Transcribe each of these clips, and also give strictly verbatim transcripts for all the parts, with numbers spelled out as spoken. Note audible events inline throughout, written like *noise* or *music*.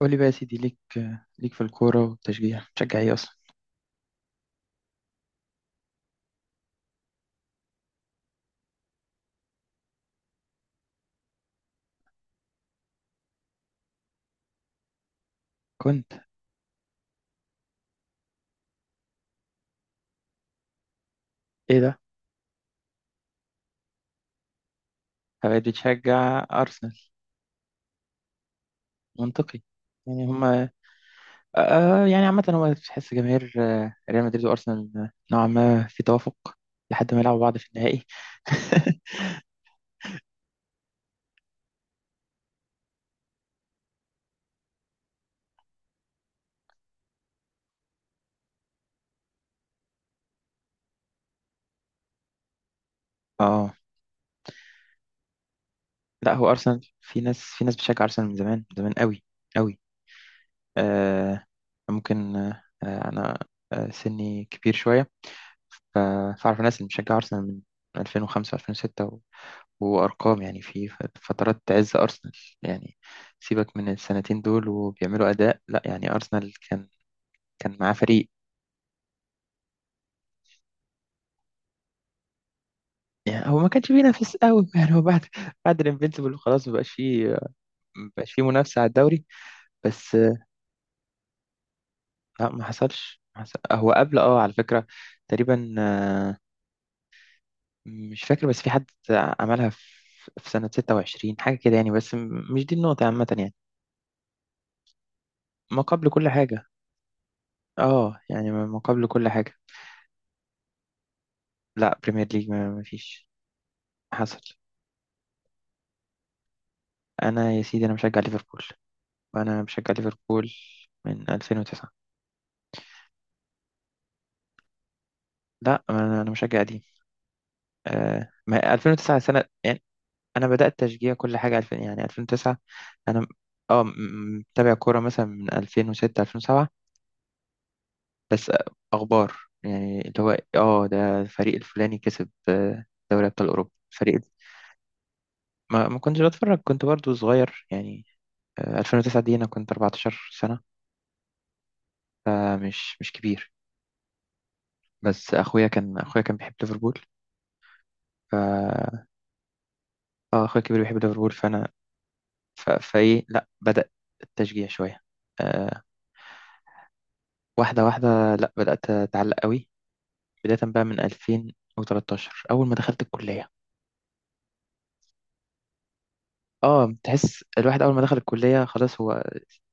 قول لي بقى يا سيدي ليك ليك في الكورة والتشجيع بتشجع ايه أصلا؟ كنت. ايه ده؟ بقيت بتشجع أرسنال. منطقي. يعني هما آه آه، يعني عامة هو تحس جماهير آه، ريال مدريد وأرسنال، آه، نوعا ما في توافق لحد ما يلعبوا بعض في النهائي. *laughs* اه، لا هو أرسنال في ناس في ناس بتشجع أرسنال من زمان، من زمان قوي قوي. آه ممكن، آه آه، أنا آه سني كبير شوية، ف- فأعرف ناس اللي بتشجع أرسنال من ألفين وخمسة ألفين وستة وأرقام، يعني في ف- فترات عز أرسنال يعني. سيبك من السنتين دول وبيعملوا أداء، لا يعني أرسنال كان كان معاه فريق، يعني هو ما كانش بينافس قوي، *laughs* يعني هو بعد بعد الانفينسيبل خلاص ما بقاش فيه، ما بقاش فيه منافسة على الدوري. بس آه، لا ما حصلش ما حصل- هو قبل، اه، على فكرة تقريبا، آه، مش فاكر بس في حد عملها في في سنة ستة وعشرين حاجة كده يعني، بس م- مش دي النقطة عامة يعني. ما قبل كل حاجة، اه يعني ما ما قبل كل حاجة. لا بريمير ليج ما ما فيش حصل. انا يا سيدي انا مشجع ليفربول، وانا مشجع ليفربول من ألفين وتسعة. لا انا انا مشجع قديم. آه ما ألفين وتسعة سنه يعني، انا بدات تشجيع كل حاجه ألفين يعني ألفين وتسعة. انا م- اه م- م- متابع كوره مثلا من ألفين وستة ألفين وسبعة، بس آه، اخبار يعني اللي هو، اه، ده الفريق الفلاني كسب، آه، دوري ابطال اوروبا فريق. ما ما كنتش بتفرج كنت برضو صغير يعني، آه، ألفين وتسعة دي انا كنت أربعة عشر سنة سنه، فمش مش كبير. بس اخويا كان، اخويا كان بيحب ليفربول، ف- اه اخويا الكبير بيحب ليفربول فانا ف... فايه لا بدأ التشجيع شويه، آه واحده واحده، لا بدأت اتعلق قوي. بدايه بقى من ألفين وتلتاشر اول ما دخلت الكليه. اه تحس الواحد اول ما دخل الكليه خلاص هو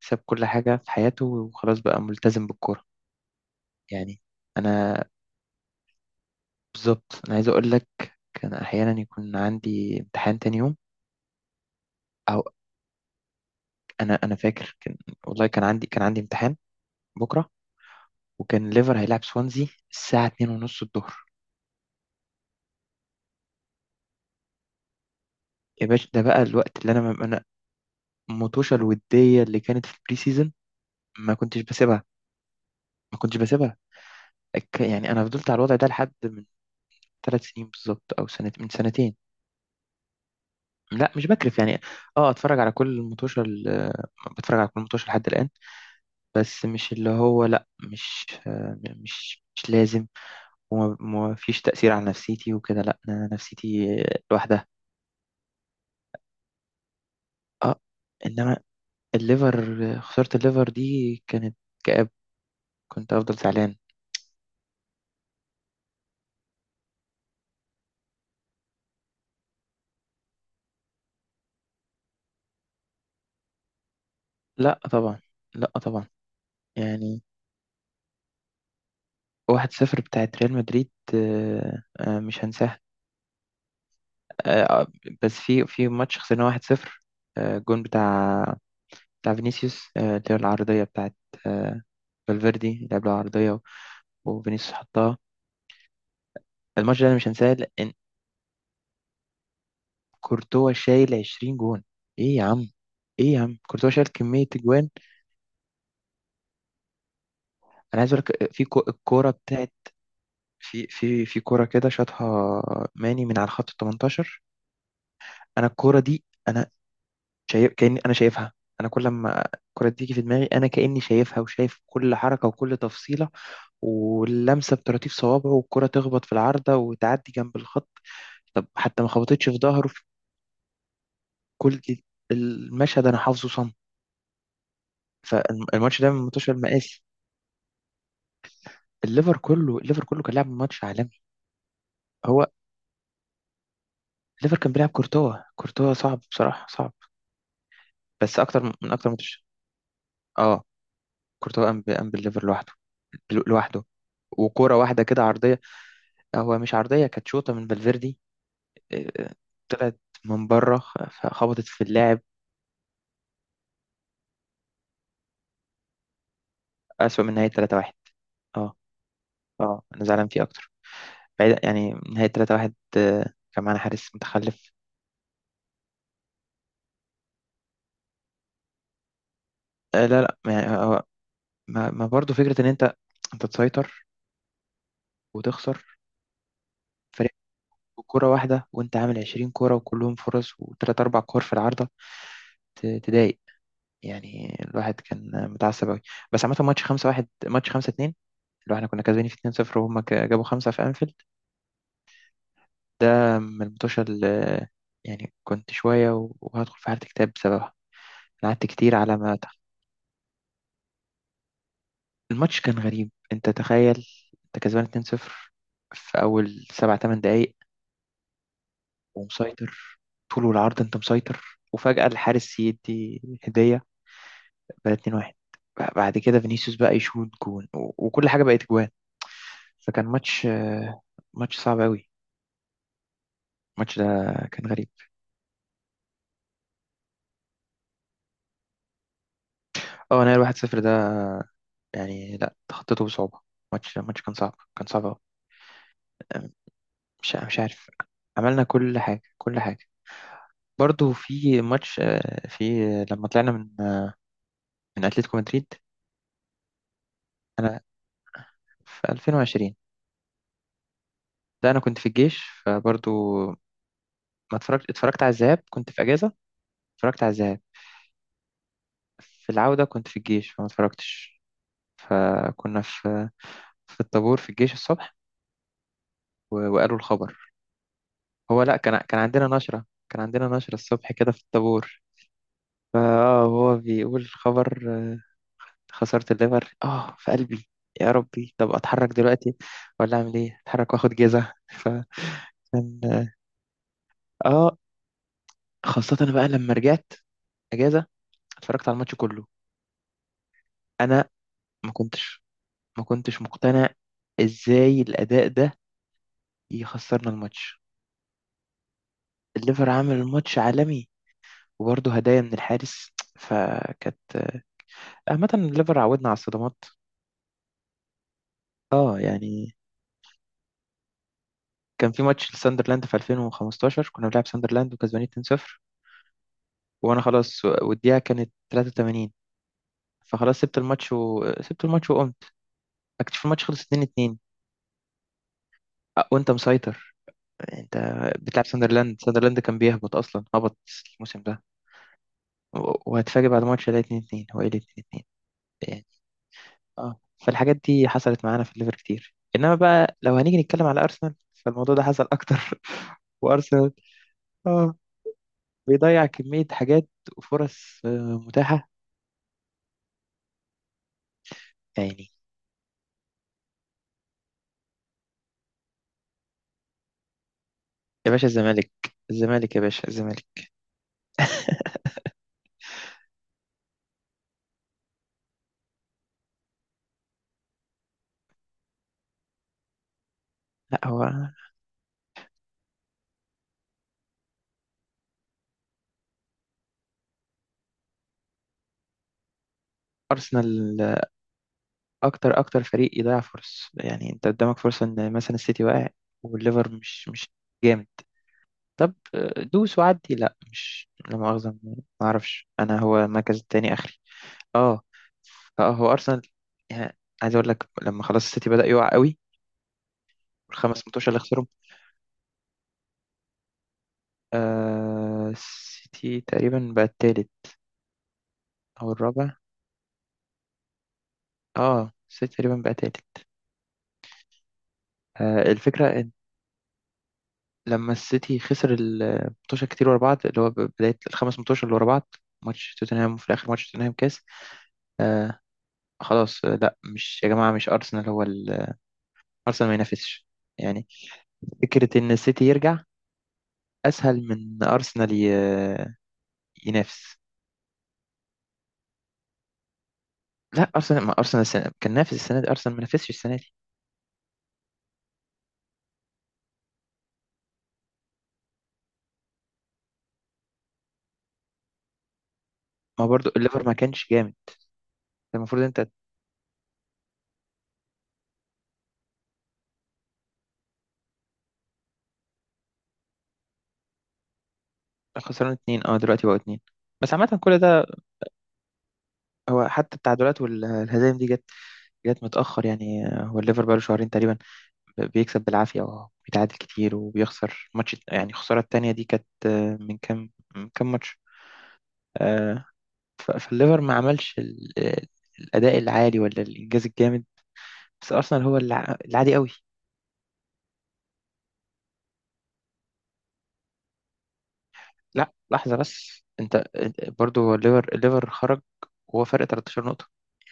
ساب كل حاجه في حياته وخلاص بقى ملتزم بالكوره يعني. انا بالظبط انا عايز اقول لك، كان احيانا يكون عندي امتحان تاني يوم، او انا انا فاكر كان، والله كان عندي، كان عندي امتحان بكره، وكان ليفر هيلعب سوانزي الساعة اتنين ونص الظهر. يا باشا ده بقى الوقت اللي انا انا مطوشة الودية اللي كانت في البري سيزون ما كنتش بسيبها، ما كنتش بسيبها. ك- يعني انا فضلت على الوضع ده لحد من ثلاث سنين بالظبط او سنة من سنتين. لا مش بكرف يعني، اه اتفرج على كل مطوشة ال- بتفرج على كل مطوشة لحد الآن، بس مش اللي هو، لا مش، آه، مش مش لازم. وما ما فيش تأثير على نفسيتي وكده، لا أنا نفسيتي لوحدها. اه انما الليفر، خسارة الليفر دي كانت كآب، كنت أفضل زعلان. لا طبعا، لا طبعا، يعني واحد صفر بتاعت ريال مدريد آه، آه، مش هنساها. آه، آه، بس في في ماتش خسرنا واحد صفر، آه، جون بتاع بتاع فينيسيوس، آه، اللي هو العرضية بتاعت، آه، فالفيردي لعب له عرضية وفينيسيوس حطها. الماتش ده أنا مش هنساه لأن كورتوا شايل عشرين جون. إيه يا عم، إيه يا عم كورتوا شايل كمية أجوان. أنا عايز أقول لك آه، في كو- الكورة بتاعت، في في في كرة كده شاطها ماني من على خط ال تمنتاشر، انا الكرة دي انا شايف كأني انا شايفها، انا كل ما الكرة دي تيجي في دماغي انا كأني شايفها وشايف كل حركة وكل تفصيلة واللمسة بطراطيف صوابعه والكرة تخبط في العارضة وتعدي جنب الخط، طب حتى ما خبطتش في ظهره، في كل المشهد انا حافظه صم. فالماتش ده من الماتش المقاسي. الليفر كله الليفر كله كان لاعب ماتش عالمي. هو الليفر كان بيلعب كورتوا، كورتوا صعب بصراحة، صعب، بس اكتر من اكتر ماتش. اه كورتوا قام ب- قام بالليفر لوحده، لو- لوحده. وكوره واحده كده عرضيه، آه، هو مش عرضيه كانت شوطه من فالفيردي آه، آه، طلعت من بره، خ- خبطت في اللاعب. اسوأ من نهايه ثلاثة واحد، اه اه انا زعلان فيه اكتر، بعيد يعني نهايه ثلاثة واحد، آه، كان معانا حارس متخلف. آه، لا لا ما يعني، هو- ما, ما برضه فكره ان انت، انت تسيطر وتخسر فريق كوره واحده وانت عامل عشرين كوره وكلهم فرص وثلاث اربع كور في العارضه، ت- تضايق يعني. الواحد كان متعصب أوي. بس عامة ماتش خمسة واحد، ماتش خمسة اتنين، اللي هو احنا كنا كسبانين في اتنين صفر وهم ك- جابوا خمسة في أنفيلد. ده من الماتش اللي يعني كنت شوية و- وهدخل في حالة اكتئاب بسببها. أنا قعدت كتير على ما تح- الماتش كان غريب، أنت تخيل أنت كسبان اتنين صفر في أول سبع تمن دقايق ومسيطر طول والعرض، أنت مسيطر وفجأة الحارس يدي هدية بقى اتنين واحد، بعد كده فينيسيوس بقى يشوط جون و- وكل حاجة بقت جوان. فكان ماتش، آه، ماتش صعب قوي الماتش ده، كان غريب. اه انا الواحد صفر ده يعني لا تخطيته بصعوبة، ماتش ماتش كان صعب، كان صعب أوي. أم، مش مش عارف، عملنا كل حاجة، كل حاجة. برضو في ماتش، آه، في لما طلعنا من آه، من أتلتيكو مدريد أنا، في ألفين وعشرين، ده أنا كنت في الجيش، فبرضو ما اتفرجت، اتفرجت على الذهاب، كنت في أجازة اتفرجت على الذهاب. في العودة كنت في الجيش فما اتفرجتش. فكنا في في الطابور في الجيش الصبح، و- وقالوا الخبر. هو لا كان، كان عندنا نشرة، كان عندنا نشرة الصبح كده في الطابور. فاه هو بيقول خبر، آه، خسارة الليفر اه في قلبي، يا ربي طب اتحرك دلوقتي ولا اعمل ايه، اتحرك واخد جيزة. *laughs* فكان اه خاصة أنا بقى لما رجعت اجازة اتفرجت على الماتش كله، انا ما كنتش ما كنتش مقتنع ازاي الاداء ده يخسرنا الماتش، الليفر عامل الماتش عالمي وبرضه هدايا من الحارس. فكانت عامة الليفر عودنا على الصدمات، اه يعني. كان في ماتش لساندرلاند في ألفين وخمسة عشر، كنا بنلعب ساندرلاند وكسبانين اتنين صفر وانا خلاص، والدقيقه كانت تلاتة وتمانين، فخلاص سبت الماتش، وسبت الماتش وقمت اكتشف الماتش خلص اتنين اتنين. أه، وانت مسيطر، انت بتلعب ساندرلاند ساندرلاند كان بيهبط اصلا، هبط الموسم ده، و- وهتفاجئ بعد ماتش ده اتنين اتنين، هو ايه اتنين اتنين يعني. اه فالحاجات دي حصلت معانا في الليفر كتير، انما بقى لو هنيجي نتكلم على ارسنال فالموضوع ده حصل اكتر، *laughs* وارسنال اه بيضيع كمية حاجات وفرص آه، متاحة يعني. يا باشا الزمالك، الزمالك يا باشا الزمالك. *laughs* لا هو أرسنال أكتر أكتر فريق يضيع فرص، يعني أنت قدامك فرصة إن مثلا السيتي واقع والليفر مش مش جامد، طب آه، دوس وعدي، لا مش لا مؤاخذة، ما أعرفش أنا، هو المركز التاني آخري. أه، آه، هو أرسنال يعني، عايز أقول لك لما خلاص السيتي بدأ يقع قوي والخمس ماتشات اللي خسرهم، آه السيتي تقريبا بقى التالت او الرابع. اه السيتي تقريبا بقى تالت. آه الفكره إن لما السيتي خسر الماتشات كتير ورا بعض اللي هو بدايه الخمس ماتشات اللي ورا بعض، ماتش توتنهام وفي الاخر ماتش توتنهام كاس، آه خلاص. آه لا مش يا جماعه، مش ارسنال هو ال- ارسنال ما ينافسش يعني، فكره ان السيتي يرجع اسهل من إن ارسنال ي- ينافس. لا ارسنال، ما ارسنال السنة كان نافس، السنه دي ارسنال ما نافسش السنه دي. ما برضو الليفر ما كانش جامد، المفروض انت خسران اتنين، اه دلوقتي بقوا اتنين، بس عامة كل ده. هو حتى التعادلات والهزايم دي جت، جت متأخر يعني، آه، هو الليفر بقاله شهرين تقريبا ب- بيكسب بالعافية وبيتعادل كتير وبيخسر ماتش، يعني الخسارة التانية دي كانت، آه، من كام من كام ماتش، آه، ف- فالليفر ما عملش ال- آه، الأداء العالي ولا الإنجاز الجامد، بس أرسنال هو الع- العادي قوي. لا لحظة بس أنت أنت- برضو هو الليفر الليفر خرج وهو فرق تلتاشر نقطة،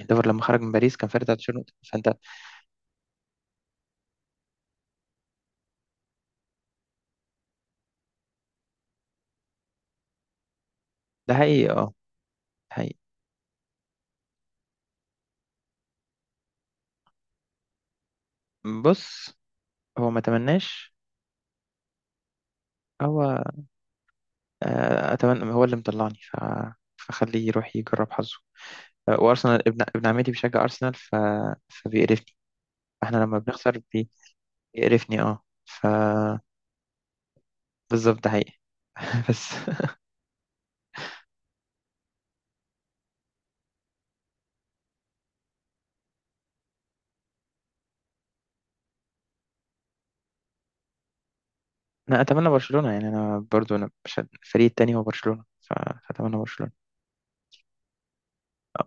يعني الليفر لما خرج من باريس كان فرق تلتاشر نقطة فأنت. ده حقيقي، اه حقيقي. بص هو ما تمناش، هو آه، اتمنى هو اللي مطلعني ف... فخليه يروح يجرب حظه. آه، وارسنال ابن ابن عمتي بيشجع ارسنال ف... فبيقرفني، احنا لما بنخسر بي- بيقرفني اه ف بالظبط ده حقيقي. *laughs* بس انا اتمنى برشلونة يعني، انا برضو انا مش، الفريق التاني هو برشلونة ف- فاتمنى برشلونة. آه.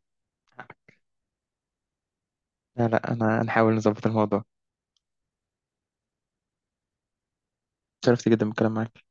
لا لا انا هنحاول نظبط الموضوع. شرفت جدا بالكلام معاك.